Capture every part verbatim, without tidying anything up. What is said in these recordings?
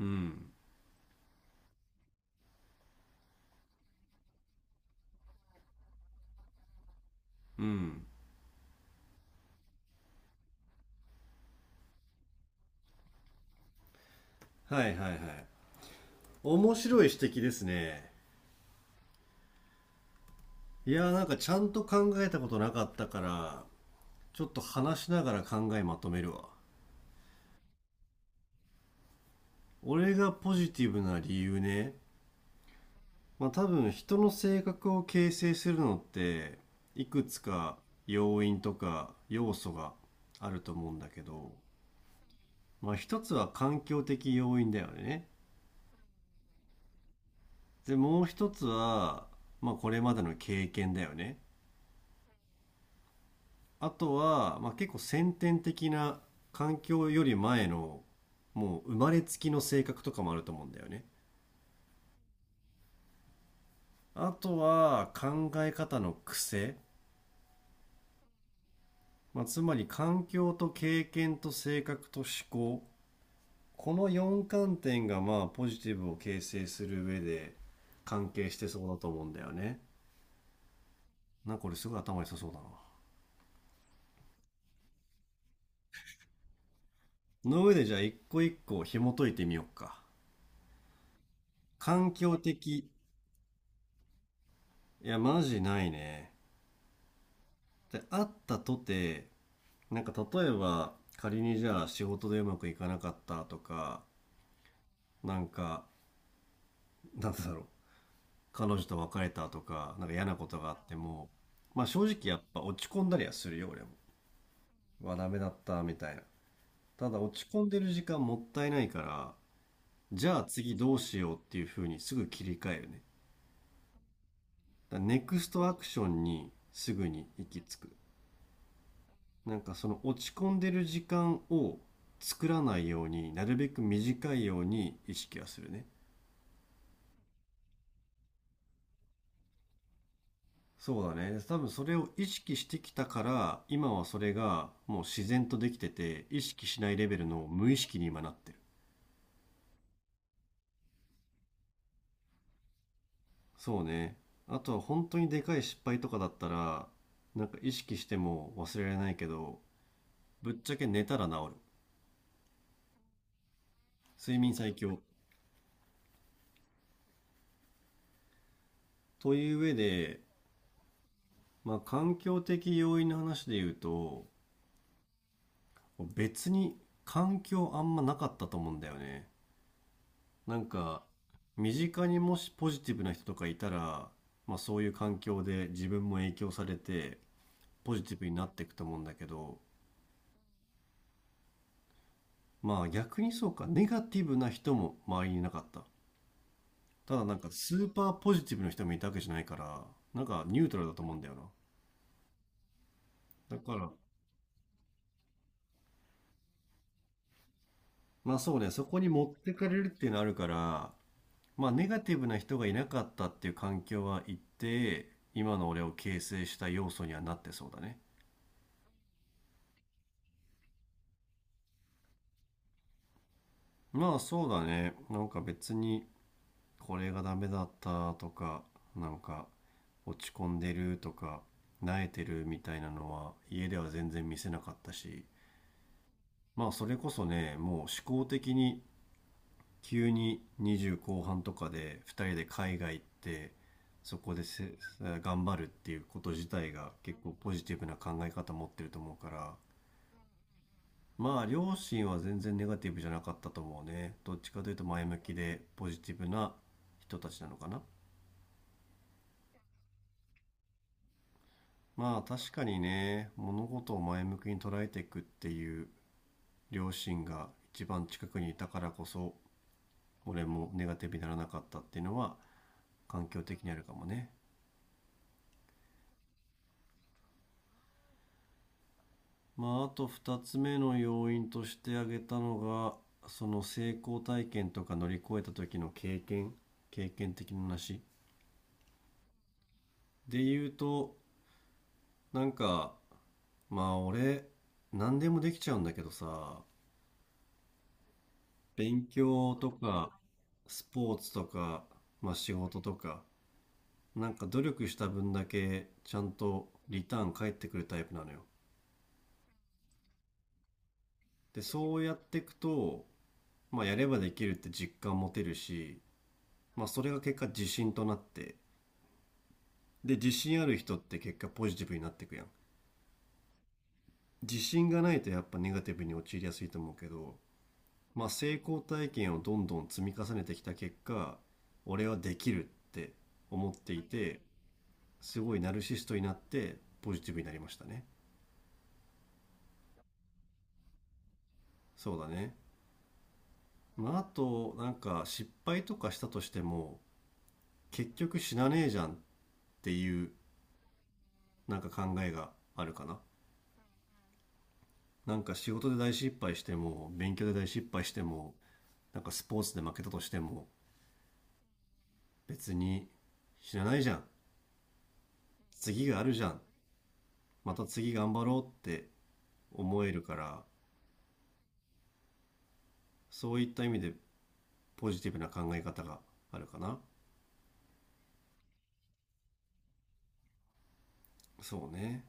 うんうんはいはいはい。面白い指摘ですね。いやー、なんかちゃんと考えたことなかったから、ちょっと話しながら考えまとめるわ。俺がポジティブな理由ね。まあ多分人の性格を形成するのって、いくつか要因とか要素があると思うんだけど、まあ一つは環境的要因だよね。でもう一つは、まあこれまでの経験だよね。あとは、まあ、結構先天的な、環境より前の、もう生まれつきの性格とかもあると思うんだよね。あとは考え方の癖、まあ、つまり環境と経験と性格と思考、このよん観点がまあポジティブを形成する上で関係してそうだと思うんだよね。なんかこれすごい頭良さそうだな。の上でじゃあ一個一個紐解いてみようか。環境的。いや、マジないね。で、あったとて、なんか例えば仮にじゃあ仕事でうまくいかなかったとか、なんかなんだろう彼女と別れたとかなんか嫌なことがあっても、まあ正直やっぱ落ち込んだりはするよ俺も。うわダメだったみたいな。ただ落ち込んでる時間もったいないから、じゃあ次どうしようっていう風にすぐ切り替えるね。だからネクストアクションにすぐに行き着く。なんかその落ち込んでる時間を作らないように、なるべく短いように意識はするね。そうだね。多分それを意識してきたから、今はそれがもう自然とできてて、意識しないレベルの無意識に今なってる。そうね。あとは本当にでかい失敗とかだったら、なんか意識しても忘れられないけど、ぶっちゃけ寝たら治る。睡眠最強。という上で、まあ環境的要因の話で言うと、別に環境あんまなかったと思うんだよね。なんか身近にもしポジティブな人とかいたら、まあ、そういう環境で自分も影響されてポジティブになっていくと思うんだけど、まあ逆に、そうか、ネガティブな人も周りにいなかった。ただなんかスーパーポジティブな人もいたわけじゃないから、なんかニュートラルだと思うんだよ。な、だから、まあそうね、そこに持ってかれるっていうのあるから、まあネガティブな人がいなかったっていう環境は一定今の俺を形成した要素にはなってそうだね。まあそうだね。なんか別にこれがダメだったとか、なんか落ち込んでるとか、萎えてるみたいなのは家では全然見せなかったし、まあそれこそね、もう思考的に急ににじゅう後半とかでふたりで海外行って、そこでせ頑張るっていうこと自体が結構ポジティブな考え方持ってると思うから、まあ両親は全然ネガティブじゃなかったと思うね。どっちかというと前向きでポジティブな人たちなのかな。まあ確かにね、物事を前向きに捉えていくっていう両親が一番近くにいたからこそ、俺もネガティブにならなかったっていうのは環境的にあるかもね。まああとふたつめの要因として挙げたのが、その成功体験とか乗り越えた時の経験、経験的な話で言うと、なんかまあ俺、何でもできちゃうんだけどさ、勉強とか、スポーツとか、まあ仕事とか、なんか努力した分だけちゃんとリターン返ってくるタイプなのよ。で、そうやっていくと、まあやればできるって実感持てるし、まあそれが結果自信となって、で、自信ある人って結果ポジティブになっていくやん。自信がないとやっぱネガティブに陥りやすいと思うけど、まあ、成功体験をどんどん積み重ねてきた結果、俺はできるって思っていて、すごいナルシストになってポジティブになりましたね。そうだね。まあ、あと、なんか失敗とかしたとしても、結局死なねえじゃんっていう、なんか考えがあるかな。なんか仕事で大失敗しても、勉強で大失敗しても、なんかスポーツで負けたとしても、別に死なないじゃん。次があるじゃん。また次頑張ろうって思えるから、そういった意味でポジティブな考え方があるかな。そうね。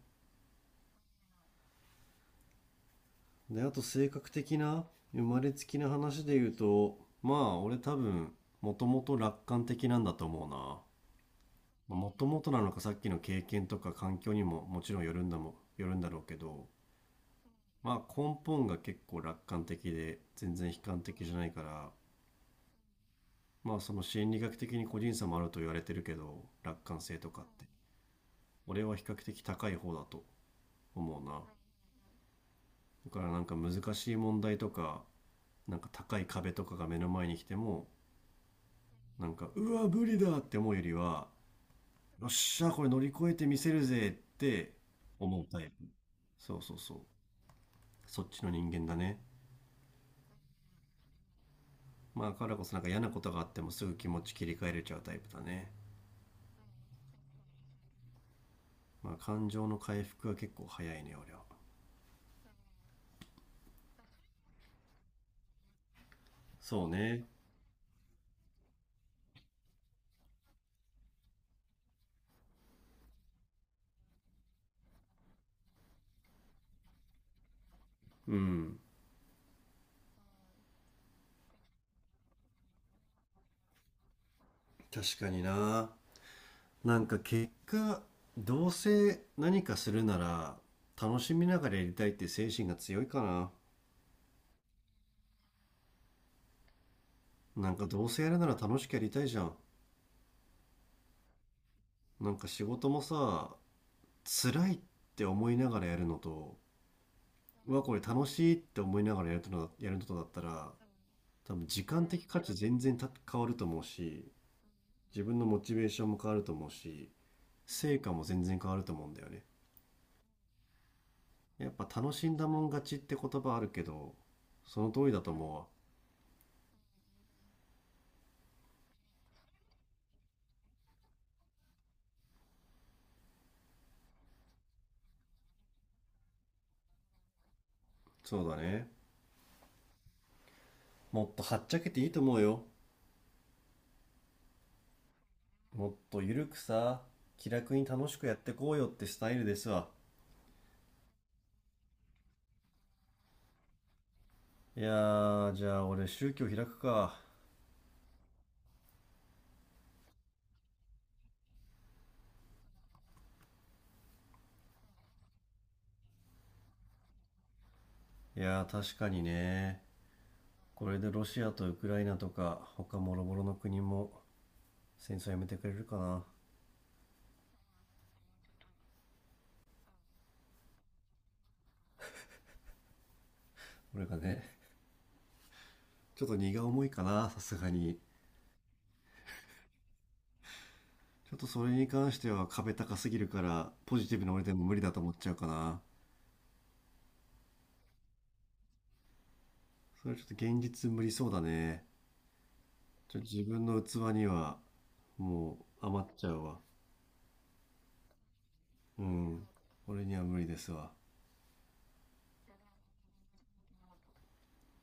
で、あと性格的な、生まれつきな話で言うと、まあ俺多分、もともと楽観的なんだと思うな。もともとなのか、さっきの経験とか環境にももちろんよるんだも、よるんだろうけど、まあ根本が結構楽観的で全然悲観的じゃないから、まあその心理学的に個人差もあると言われてるけど、楽観性とかって。俺は比較的高い方だと思うな。だからなんか難しい問題とか、なんか高い壁とかが目の前に来ても、なんか、うわ、無理だって思うよりは、よっしゃ、これ乗り越えてみせるぜって思うタイプ。そうそうそう。そっちの人間だね。まあ、だからこそなんか嫌なことがあってもすぐ気持ち切り替えれちゃうタイプだね。まあ、感情の回復は結構早いね、俺は。そうね。うん。確かにな。なんか結果、どうせ何かするなら、楽しみながらやりたいって精神が強いかな。なんかどうせやるなら楽しくやりたいじゃん。なんか仕事もさ、辛いって思いながらやるのと、うわ、これ楽しいって思いながらやるとな、やるのとだったら、多分時間的価値全然た変わると思うし、自分のモチベーションも変わると思うし、成果も全然変わると思うんだよね。やっぱ楽しんだもん勝ちって言葉あるけど、その通りだと思うわ。そうだね。もっとはっちゃけていいと思うよ。もっとゆるくさ、気楽に楽しくやってこうよってスタイルですわ。いやー、じゃあ俺宗教開くか。いやー、確かにね。これでロシアとウクライナとか、他もろもろの国も戦争やめてくれるかな。俺がね、ちょっと荷が重いかな、さすがに。ちょっとそれに関しては壁高すぎるから、ポジティブな俺でも無理だと思っちゃうかな。それはちょっと現実無理そうだね。ちょっと自分の器にはもう余っちゃうわ。うん。俺には無理ですわ。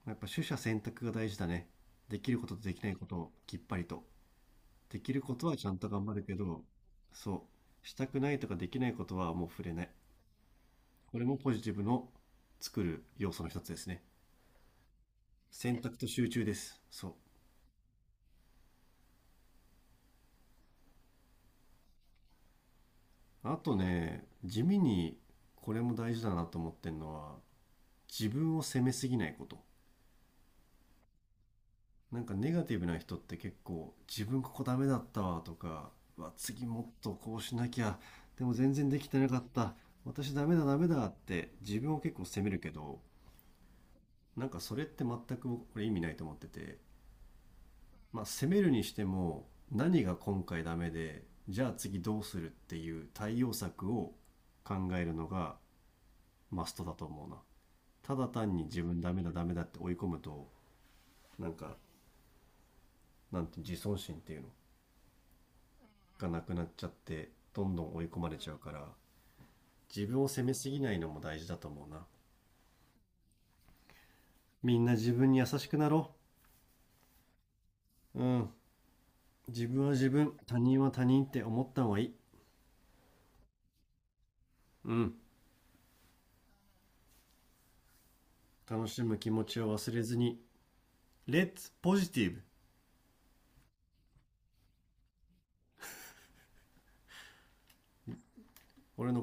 やっぱ取捨選択が大事だね。できることとできないことをきっぱりと。できることはちゃんと頑張るけど、そう、したくないとかできないことはもう触れない。これもポジティブの作る要素の一つですね。選択と集中です。そう。あとね、地味にこれも大事だなと思ってんのは、自分を責めすぎないこと。なんかネガティブな人って結構、自分ここダメだったわとか、うわ、次もっとこうしなきゃ、でも全然できてなかった、私ダメだダメだって自分を結構責めるけど、なんかそれって全く僕これ意味ないと思ってて、まあ、攻めるにしても何が今回ダメでじゃあ次どうするっていう対応策を考えるのがマストだと思うな。ただ単に自分ダメだダメだって追い込むと、なんかなんて、自尊心っていうのがなくなっちゃってどんどん追い込まれちゃうから、自分を責めすぎないのも大事だと思うな。みんな自分に優しくなろう。うん。自分は自分、他人は他人って思った方がいい。うん。楽しむ気持ちを忘れずに、Let's Positive! 俺の